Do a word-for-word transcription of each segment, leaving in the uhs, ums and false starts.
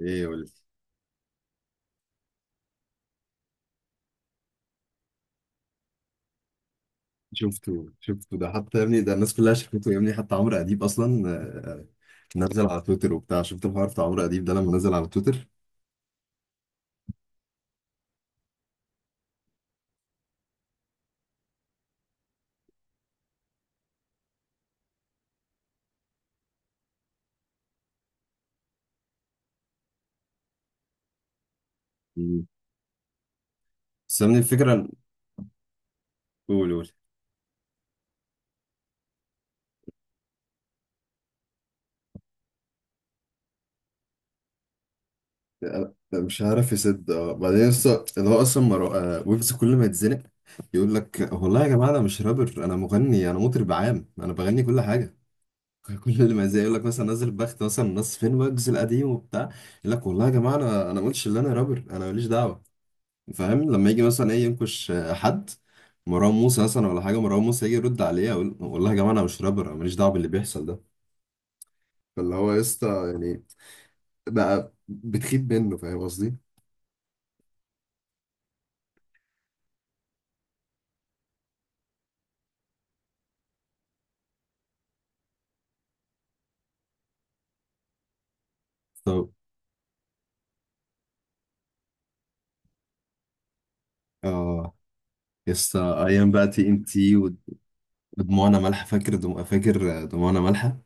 ايه يا ولد؟ شفته شفته ده حتى يا ابني، ده الناس كلها شافته يا ابني، حتى عمرو اديب اصلا. آه، نزل على تويتر وبتاع. شفت الحوار بتاع عمرو اديب ده لما نزل على تويتر؟ مم. بس يا ابني الفكره، قول قول. أنا- أنا مش عارف يسد، اه بعدين لسه اللي هو اصلا مرو... آه، ويجز كل ما يتزنق يقول لك والله يا جماعه انا مش رابر، انا مغني، انا مطرب عام، انا بغني كل حاجه. كل ما زي يقول لك مثلا نزل بخت مثلا، ناس فين ويجز القديم وبتاع، يقول لك والله يا جماعه انا انا ما قلتش ان انا رابر، انا ماليش دعوه. فاهم؟ لما يجي مثلا ايه ينكش حد، مروان موسى مثلا ولا حاجه، مروان موسى يجي يرد عليه يقول والله يا جماعه انا مش رابر، انا ماليش دعوه باللي بيحصل ده. فاللي هو يا اسطى يعني بقى بتخيب منه، فاهم قصدي؟ طب. اه، يا اسطى ايام بقى تي ام تي، ودموعنا مالحه. فاكر دم... فاكر دموعنا مالحه؟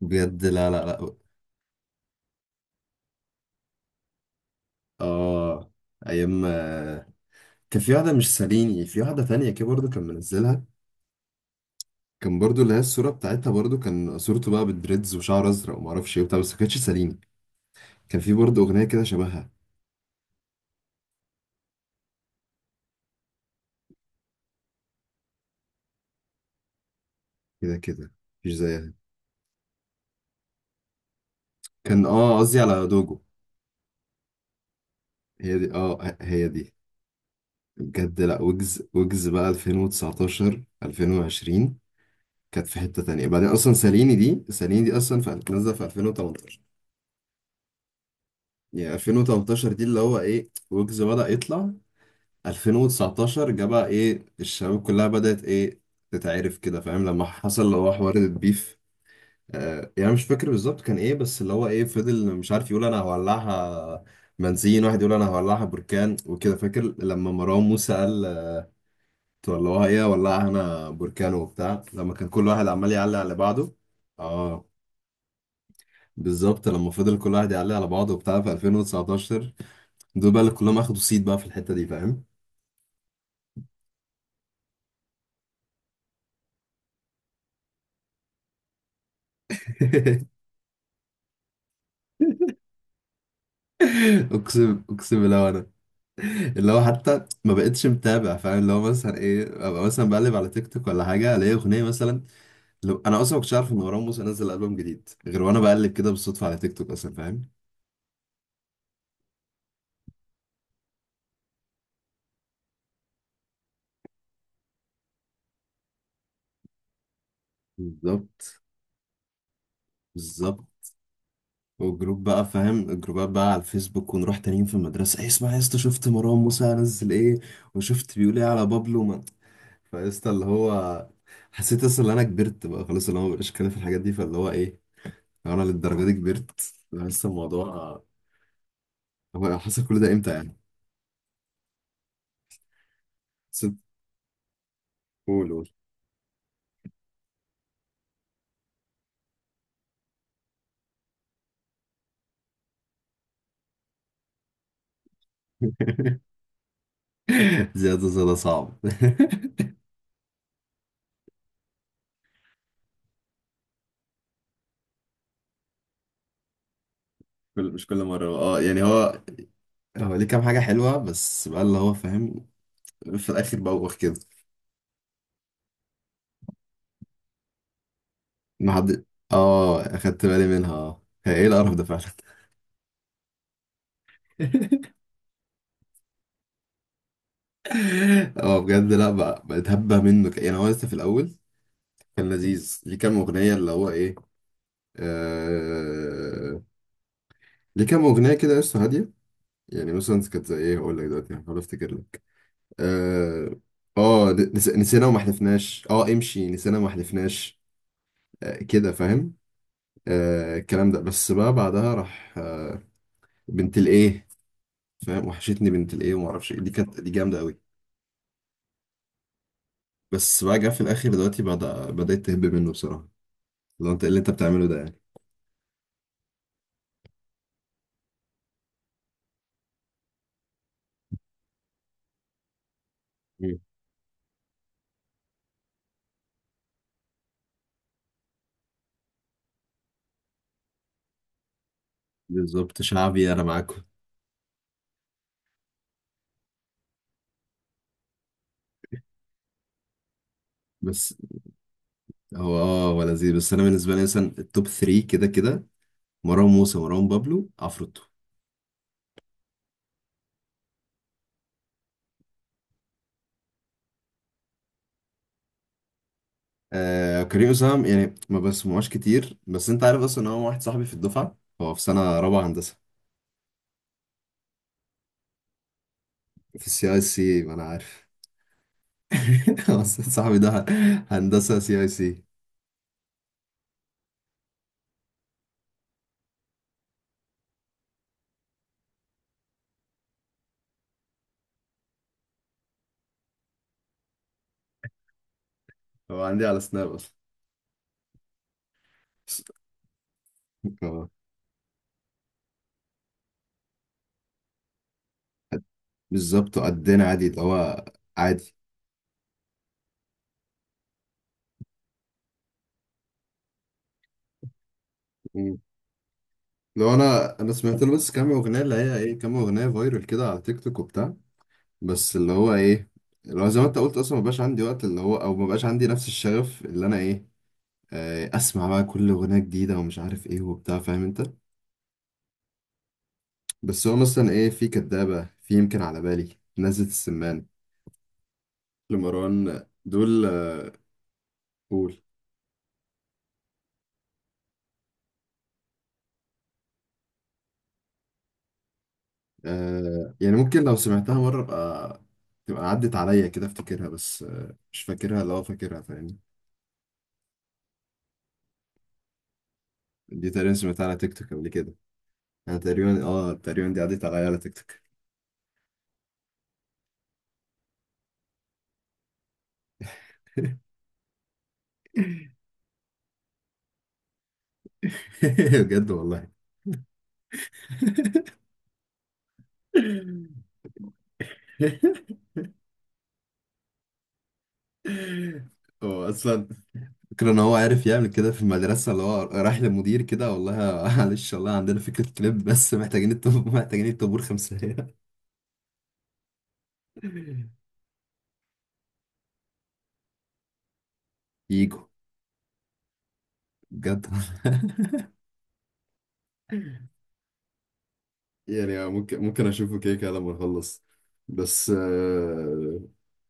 بجد، لا لا لا. اه، ايام. كان في واحدة مش ساليني، في واحدة تانية كده برضه كان منزلها، كان برضه اللي هي الصورة بتاعتها برضه، كان صورته بقى بالدريدز وشعر أزرق ومعرفش إيه وبتاع، بس ما كانتش ساليني. كان في برضه أغنية كده شبهها. كده كده مش زيها. كان آه قصدي على دوجو. هي دي، آه ه- هي دي. بجد، لأ. ويجز، ويجز بقى ألفين وتسعة عشر، ألفين وعشرين كانت في حتة تانية. بعدين أصلا ساليني دي، ساليني دي أصلا في- نازلة في ألفين وثمانية عشر. يعني ألفين وتمنتاشر دي اللي هو إيه، ويجز بدأ يطلع. ألفين وتسعتاشر جه بقى، ايه الشباب كلها بدأت ايه، تتعرف كده. فاهم؟ لما حصل اللي هو حوار البيف. آه يعني مش فاكر بالظبط كان ايه، بس اللي هو ايه، فضل مش عارف يقول انا هولعها بنزين، واحد يقول انا هولعها بركان وكده. فاكر لما مروان موسى قال تولعوها، ايه هولعها انا بركان وبتاع، لما كان كل واحد عمال يعلق على بعضه. اه بالظبط، لما فضل كل واحد يعلق على بعضه وبتاع في ألفين وتسعة عشر، دول بقى اللي كلهم اخدوا صيت بقى في الحتة دي، فاهم؟ اقسم، اقسم بالله، وانا اللي هو حتى ما بقتش متابع. فاهم؟ اللي هو مثلا ايه، ابقى مثلا بقلب على تيك توك ولا حاجه، الاقي اغنيه مثلا. لو انا اصلا ما كنتش عارف ان مروان موسى نزل البوم جديد، غير وانا بقلب كده بالصدفه على تيك توك اصلا، فاهم؟ بالظبط. بالظبط. والجروب بقى فاهم، الجروبات بقى على الفيسبوك، ونروح تانيين في المدرسه، ايه اسمع يا اسطى، شفت مروان موسى نزل ايه؟ وشفت بيقول ايه على بابلو؟ ما- فيا اسطى، اللي هو حسيت اصلا ان انا كبرت بقى خلاص، اللي هو مبقاش اتكلم في الحاجات دي. فاللي هو ايه، لو انا للدرجه دي كبرت، لسه الموضوع، هو حصل كل ده امتى يعني؟ ست قول قول. زيادة زيادة صعب. كل- مش كل مرة، اه يعني هو، هو ليه كام حاجة حلوة بس بقى، اللي هو فاهم، في الآخر بوخ كده. ما حد، اه أخدت بالي منها. اه، هي ايه القرف ده فعلا. اه بجد، لا بقى، بقيت هبه منه. ك- يعني هو لسه في الأول كان لذيذ، ليه كام أغنية اللي هو ايه. آه... ليه كام أغنية كده لسه هادية. يعني مثلا كانت زي ايه، هقول لك دلوقتي هحاول افتكر. اه. آه، نس- نسينا وما حلفناش. اه، امشي نسينا وما حلفناش. آه كده، فاهم؟ آه الكلام ده، بس بقى بعدها راح آه بنت الايه. فاهم؟ وحشتني بنت الايه وما اعرفش إيه. دي كانت، دي جامده قوي. بس بقى جه في الاخر دلوقتي، بدأ بدأت تهب منه بصراحه. لو انت إيه اللي انت بتعمله ده يعني؟ مم. بالظبط، شعبي انا معاكم. بس هو، اه هو لذيذ، بس انا بالنسبه لي مثلا التوب تلاتة كده كده: مروان موسى، مروان بابلو، عفروتو. آه كريم أسام يعني ما بسمعوش كتير، بس انت عارف اصلا ان هو واحد صاحبي في الدفعة، هو في سنة رابعة هندسة في السي اي سي، ما انا عارف. اصلا صاحبي ده، هندسة سي اي سي. هو عندي على سناب اصلا. آه، بالظبط، قدنا عادي، اللي هو عادي. مم. لو انا، انا سمعت له بس كام اغنية اللي هي ايه، كام اغنية فايرال كده على تيك توك وبتاع. بس اللي هو ايه، اللي هو زي ما انت قلت اصلا، ما بقاش عندي وقت اللي هو، او ما بقاش عندي نفس الشغف اللي انا ايه، آه، اسمع بقى كل اغنيه جديده ومش عارف ايه وبتاع، فاهم انت بس هو مثلا ايه، في كدابه، في يمكن على بالي نزلة السمان، لمروان دول. آه، قول. آه يعني ممكن لو سمعتها مره ابقى تبقى عدت عليا كده افتكرها، بس آه، مش فاكرها، لو فاكرها فاهم. دي تقريبا سمعتها على تيك توك قبل كده. انا تقريبا، اه تقريبا دي عدت عليا على تيك توك. بجد والله. هو اصلا فكرة ان هو عارف يعمل كده في المدرسة، اللي هو رايح للمدير كده، والله. معلش، والله عندنا فكرة كليب، بس محتاجين الطابور، محتاجين الطابور خمسة. يجوا. بجد. يعني ممكن، ممكن اشوفه كده كده لما اخلص. بس آه،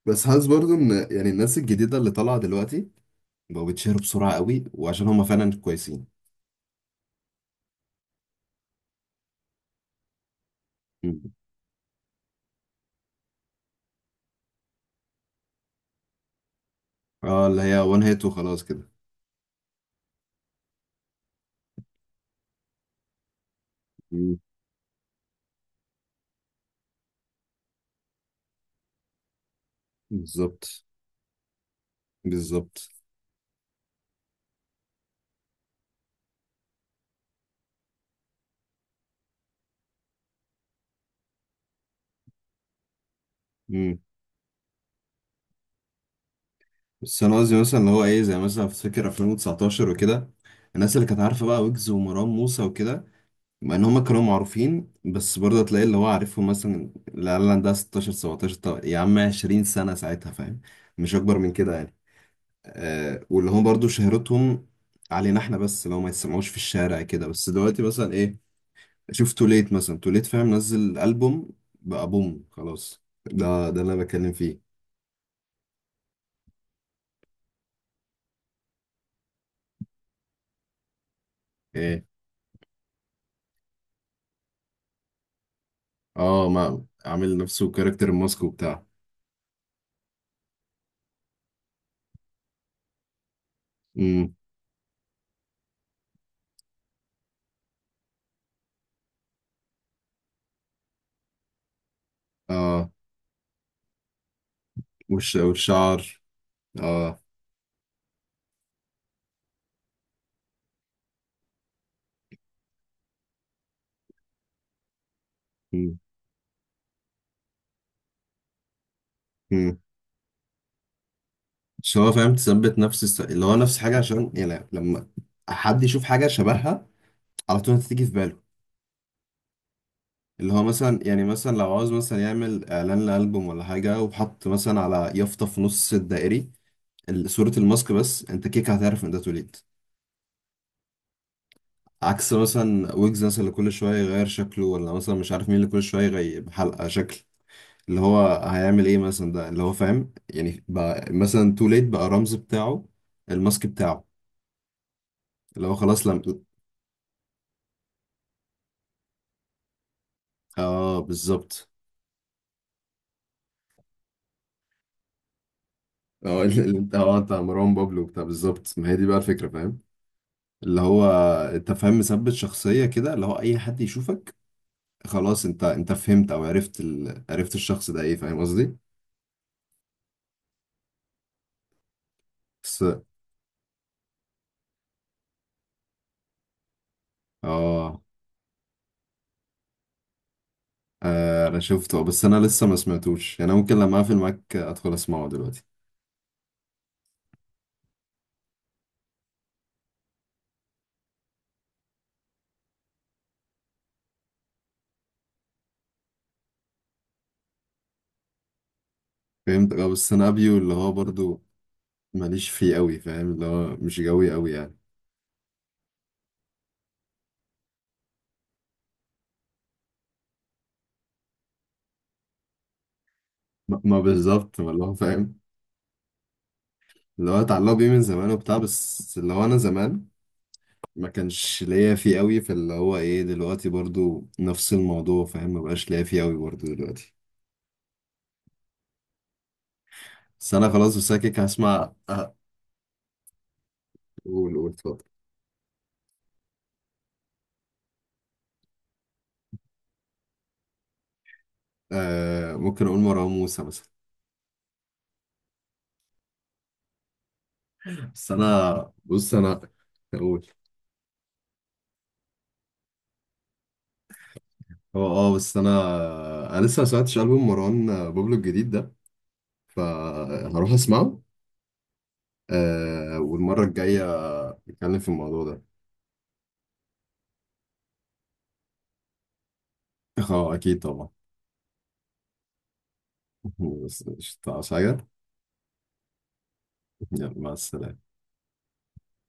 بس حاسس برضو ان يعني الناس الجديدة اللي طالعة دلوقتي بقوا بيتشهروا بسرعة قوي، وعشان هما فعلا كويسين. مم. اه اللي هي وان هيت وخلاص كده. مم. بالظبط. بالظبط. بس انا قصدي مثلا، اللي هو ايه، زي مثلا في فكر ألفين وتسعتاشر وكده، الناس اللي كانت عارفه بقى ويجز ومروان موسى وكده، مع ان هما كانوا معروفين، بس برضه تلاقي اللي هو عارفهم مثلا، العيال عندها ستاشر، سبعتاشر، طب يا عم عشرين سنه ساعتها، فاهم؟ مش اكبر من كده يعني. آه، واللي هم برضه شهرتهم علينا احنا بس، لو ما يتسمعوش في الشارع كده. بس دلوقتي مثلا ايه، شوف توليت مثلا، توليت فاهم نزل البوم بقى، بوم خلاص، ده ده اللي انا بتكلم فيه. ايه. اه، ما عامل نفسه كاركتر ماسك وبتاع. امم. اه، والش... والشعر. اه. امم. امم. مش هو فاهم تثبت نفس الس... اللي هو نفس حاجة، عشان يعني لما حد يشوف حاجة شبهها على طول هتيجي في باله. اللي هو مثلا يعني، مثلا لو عاوز مثلا يعمل إعلان لألبوم ولا حاجة، وحط مثلا على يافطة في نص الدائري ال- صورة الماسك بس، أنت كيك هتعرف إن ده توليد. عكس مثلا ويجز مثلا، اللي كل شوية يغير شكله، ولا مثلا مش عارف مين اللي كل شوية يغير حلقة شكل، اللي هو هيعمل ايه مثلا، ده اللي هو فاهم يعني. بقى مثلا تو ليت بقى الرمز بتاعه الماسك بتاعه. اللي هو خلاص لم اه بالظبط. اه. ال- ال- انت اه انت مروان بابلو بتاع، بالظبط، ما هي دي بقى الفكرة فاهم. اللي هو انت فاهم، مثبت شخصية كده، اللي هو اي حد يشوفك خلاص انت، انت فهمت او عرفت ال... عرفت الشخص ده ايه، فاهم قصدي؟ بس اه. آه، انا شفته، بس انا لسه ما سمعتوش يعني. أنا ممكن لما اقفل معاك ادخل اسمعه دلوقتي. فهمت. اه بس انا ابيو اللي هو برضو ماليش فيه قوي، فاهم؟ اللي هو مش جوي قوي يعني. ما ما بالظبط والله، هو فاهم اللي هو اتعلق بيه من زمان وبتاع، بس اللي هو انا زمان ما كانش ليا فيه قوي، فاللي هو ايه دلوقتي برضو نفس الموضوع، فاهم؟ ما بقاش ليا فيه قوي برضو دلوقتي. بس انا خلاص بساكك، هسمع أه، قول قول اتفضل. آه ممكن اقول مروان موسى مثلا. بس انا بص، انا اقول، هو اه، بس انا، انا لسه ما سمعتش البوم مروان بابلو الجديد ده، فهروح اسمعه آه، والمرة الجاية نتكلم في الموضوع ده. اه اكيد طبعا. بس مش هتعرف حاجة. يلا مع السلامة.